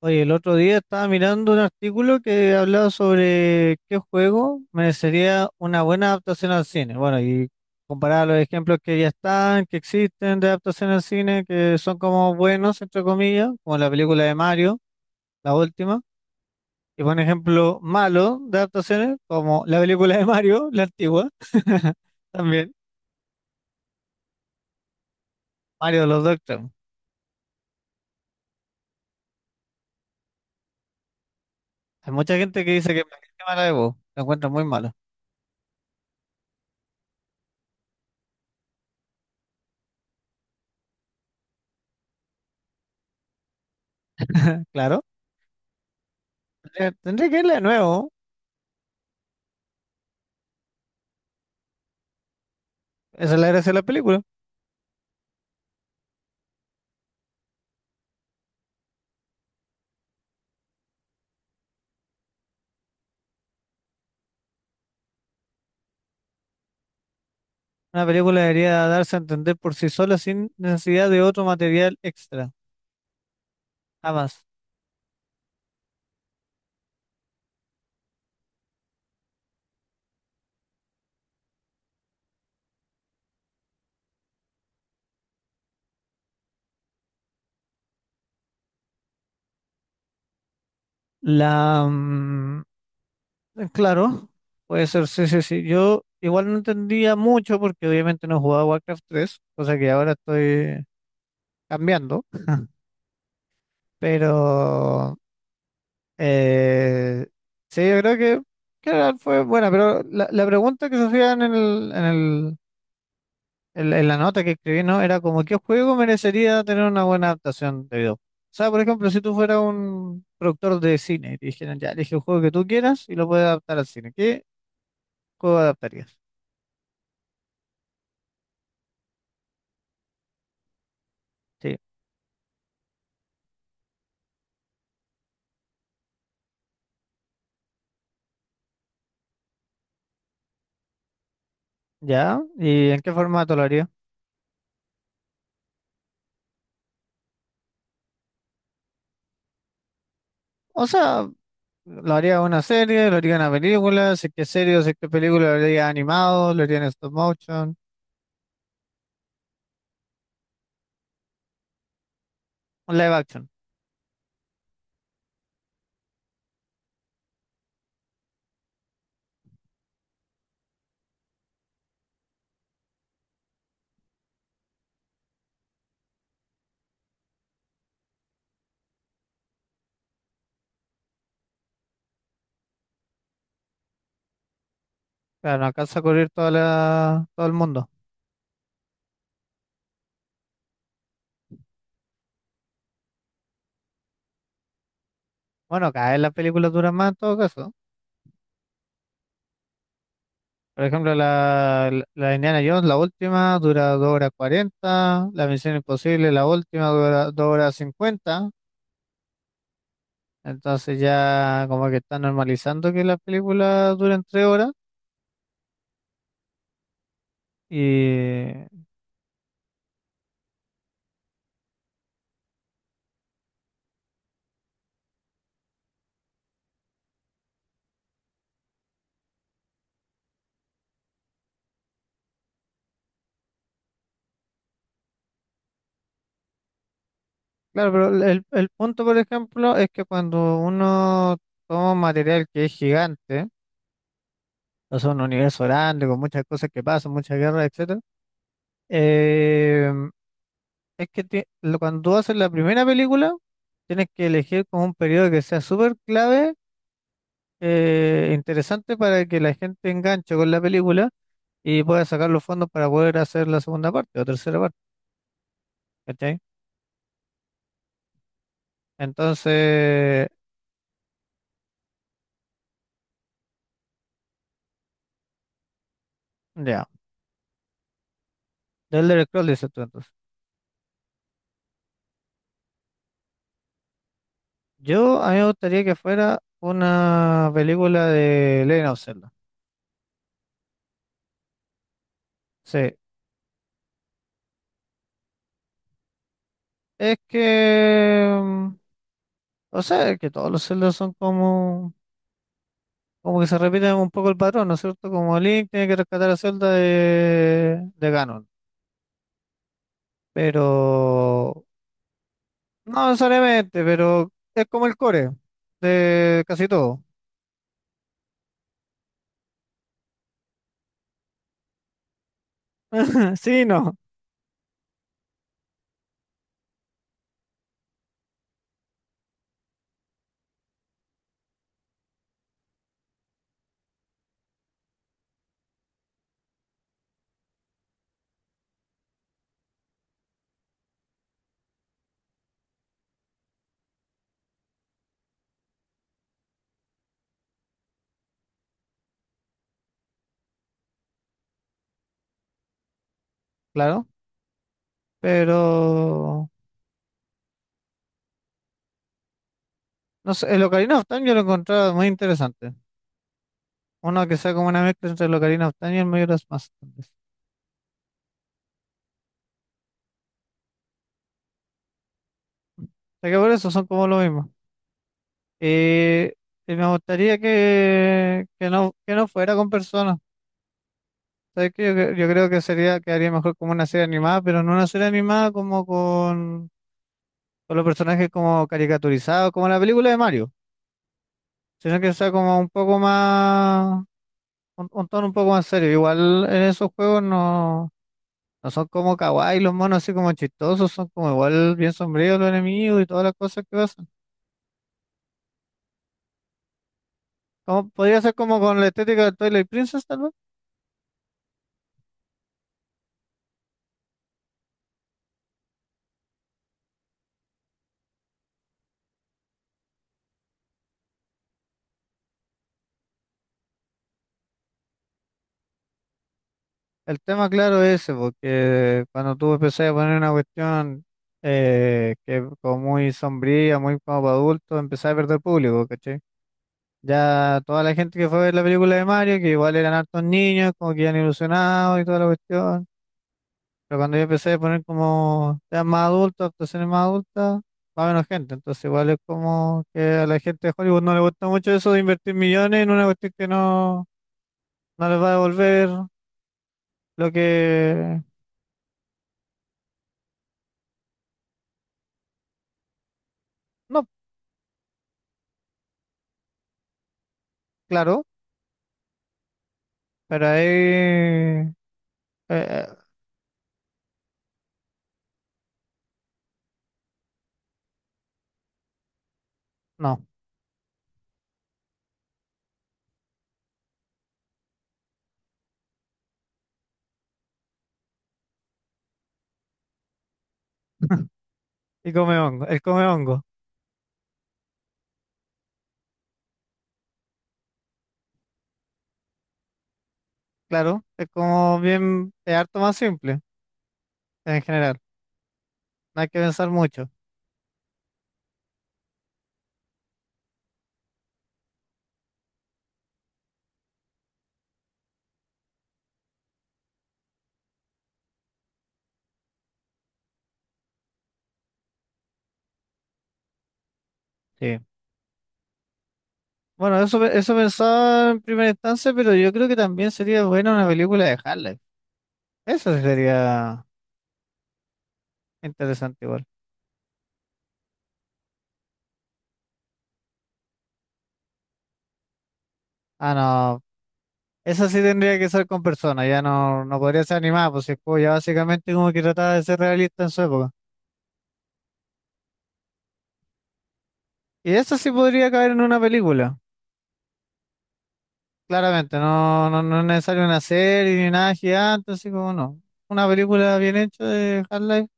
Oye, el otro día estaba mirando un artículo que hablaba sobre qué juego merecería una buena adaptación al cine. Bueno, y comparaba los ejemplos que ya están, que existen de adaptación al cine, que son como buenos, entre comillas, como la película de Mario, la última, y por ejemplo malo de adaptaciones, como la película de Mario, la antigua, también, Mario de los Doctor. Hay mucha gente que dice que es mala de voz, la encuentran muy malo. Claro, tendría que irle de nuevo, esa es la gracia de la película. Una película debería darse a entender por sí sola sin necesidad de otro material extra. Jamás. La, mm, claro, puede ser, sí, sí, sí. Yo igual no entendía mucho porque obviamente no jugaba Warcraft 3 cosa que ahora estoy cambiando, pero eh, sí, yo creo que fue buena, pero la pregunta que se hacían en la nota que escribí, ¿no? Era como, ¿qué juego merecería tener una buena adaptación de video? O sea, por ejemplo, si tú fueras un productor de cine y te dijeran, ya, elige el juego que tú quieras y lo puedes adaptar al cine, ¿qué juego adaptarías? Sí, ya, ¿y en qué formato lo haría? O sea, lo haría una serie, lo haría una película, si es que es serie, si es que es película, lo haría animado, lo haría en stop motion, un live action. Claro, no alcanza a cubrir toda todo el mundo. Bueno, cada vez las películas duran más en todo caso. Por ejemplo, la Indiana Jones, la última, dura 2 horas 40. La Misión Imposible, la última, dura 2 horas 50. Entonces ya como que está normalizando que las películas duren 3 horas. Y claro, pero el punto, por ejemplo, es que cuando uno toma un material que es gigante, o sea, un universo grande, con muchas cosas que pasan, muchas guerras, etcétera, eh, es que cuando tú haces la primera película, tienes que elegir como un periodo que sea súper clave, interesante para que la gente enganche con la película y pueda sacar los fondos para poder hacer la segunda parte o tercera parte, ¿cachai? Entonces, ya, del Elder Scrolls dices tú entonces. A mí me gustaría que fuera una película de Legend of Zelda. Sí, es que, mm, o sea, es que todos los Zelda son como que se repite un poco el patrón, ¿no es cierto? Como Link tiene que rescatar a Zelda de Ganon. Pero no necesariamente, pero es como el core de casi todo. Sí, no, claro. Pero no sé, el Ocarina of Time yo lo encontraba muy interesante. Uno que sea como una mezcla entre el Ocarina of Time y el Majora's Mask, tal vez. O sea que por eso son como lo mismo. Eh, y me gustaría que no fuera con personas. ¿Sabes qué? Yo creo que quedaría mejor como una serie animada, pero no una serie animada como con los personajes como caricaturizados, como la película de Mario, sino que sea como un poco más, un tono un poco más serio. Igual en esos juegos no son como kawaii los monos así como chistosos, son como igual bien sombríos los enemigos y todas las cosas que pasan. Como, podría ser como con la estética de Twilight Princess, tal vez. El tema claro es ese, porque cuando tú empezás a poner una cuestión que es como muy sombría, muy como para adultos, empezás a perder público, ¿cachai? Ya toda la gente que fue a ver la película de Mario, que igual eran hartos niños, como que iban ilusionados y toda la cuestión, pero cuando yo empecé a poner como temas más adultos, actuaciones más adultas, va menos gente, entonces igual es como que a la gente de Hollywood no le gusta mucho eso de invertir millones en una cuestión que no les va a devolver lo que... no, claro, pero ahí... eh, no. Y come hongo. El come hongo. Claro. Es harto más simple en general. No hay que pensar mucho. Sí. Bueno, eso pensaba en primera instancia, pero yo creo que también sería buena una película de Harley. Eso sí sería interesante igual. Ah, no. Esa sí tendría que ser con personas. Ya no podría ser animada, pues si el juego ya básicamente como que trataba de ser realista en su época. Y esa sí podría caer en una película. Claramente, no, no, no es necesario una serie ni nada gigante, así como no. Una película bien hecha de Half-Life.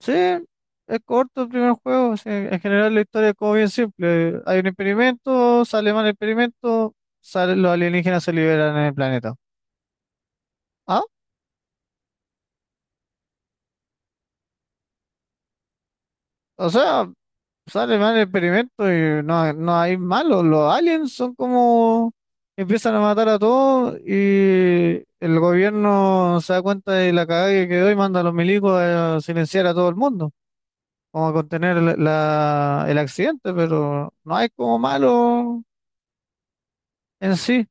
Sí, es corto el primer juego. O sea, en general la historia es como bien simple. Hay un experimento, sale mal el experimento, los alienígenas se liberan en el planeta. Ah, o sea, sale mal el experimento y no hay malos. Los aliens son como empiezan a matar a todos y el gobierno se da cuenta de la cagada que quedó y manda a los milicos a silenciar a todo el mundo, como a contener el accidente, pero no hay como malos en sí,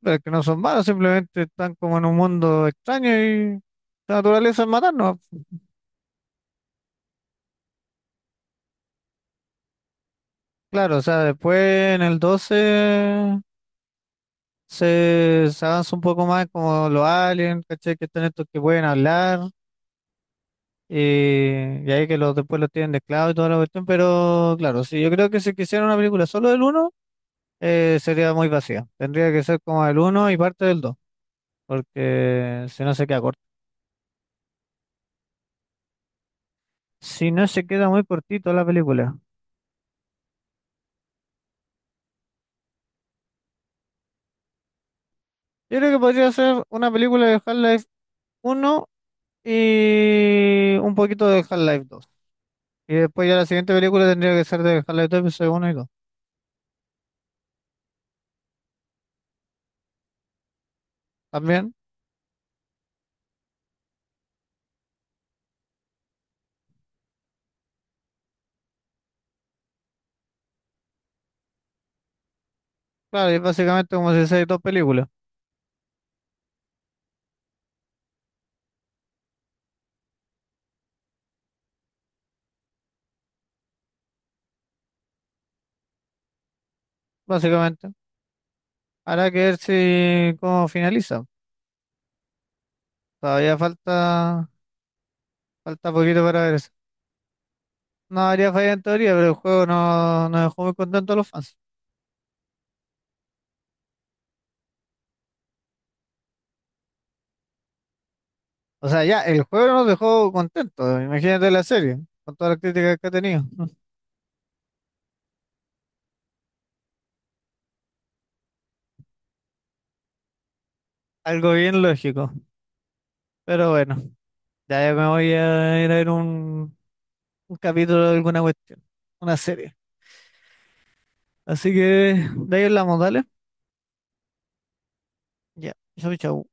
pero que no son malos, simplemente están como en un mundo extraño y la naturaleza es matarnos. Claro, o sea, después en el 12 se avanza un poco más como los aliens, ¿cachai? Que están estos que pueden hablar, y ahí que después los tienen de esclavos y toda la cuestión, pero claro, sí, yo creo que si quisiera una película solo del uno sería muy vacía. Tendría que ser como el uno y parte del 2 porque si no se queda corto. Si no se queda muy cortito la película. Yo creo que podría ser una película de Half-Life uno y un poquito de Half-Life dos. Y después ya la siguiente película tendría que ser de Half-Life 2 episodio uno y dos. También. Claro, y es básicamente como si hicieran dos películas, básicamente. Habrá que ver si cómo finaliza. Todavía falta poquito para ver eso. No habría falla en teoría, pero el juego no nos dejó muy contentos a los fans. O sea, ya, el juego no nos dejó contentos. Imagínate la serie, con todas las críticas que ha tenido. Algo bien lógico. Pero bueno, ya yo me voy a ir a ver un capítulo de alguna cuestión, una serie. Así que de ahí hablamos, dale. Ya, chau, chau.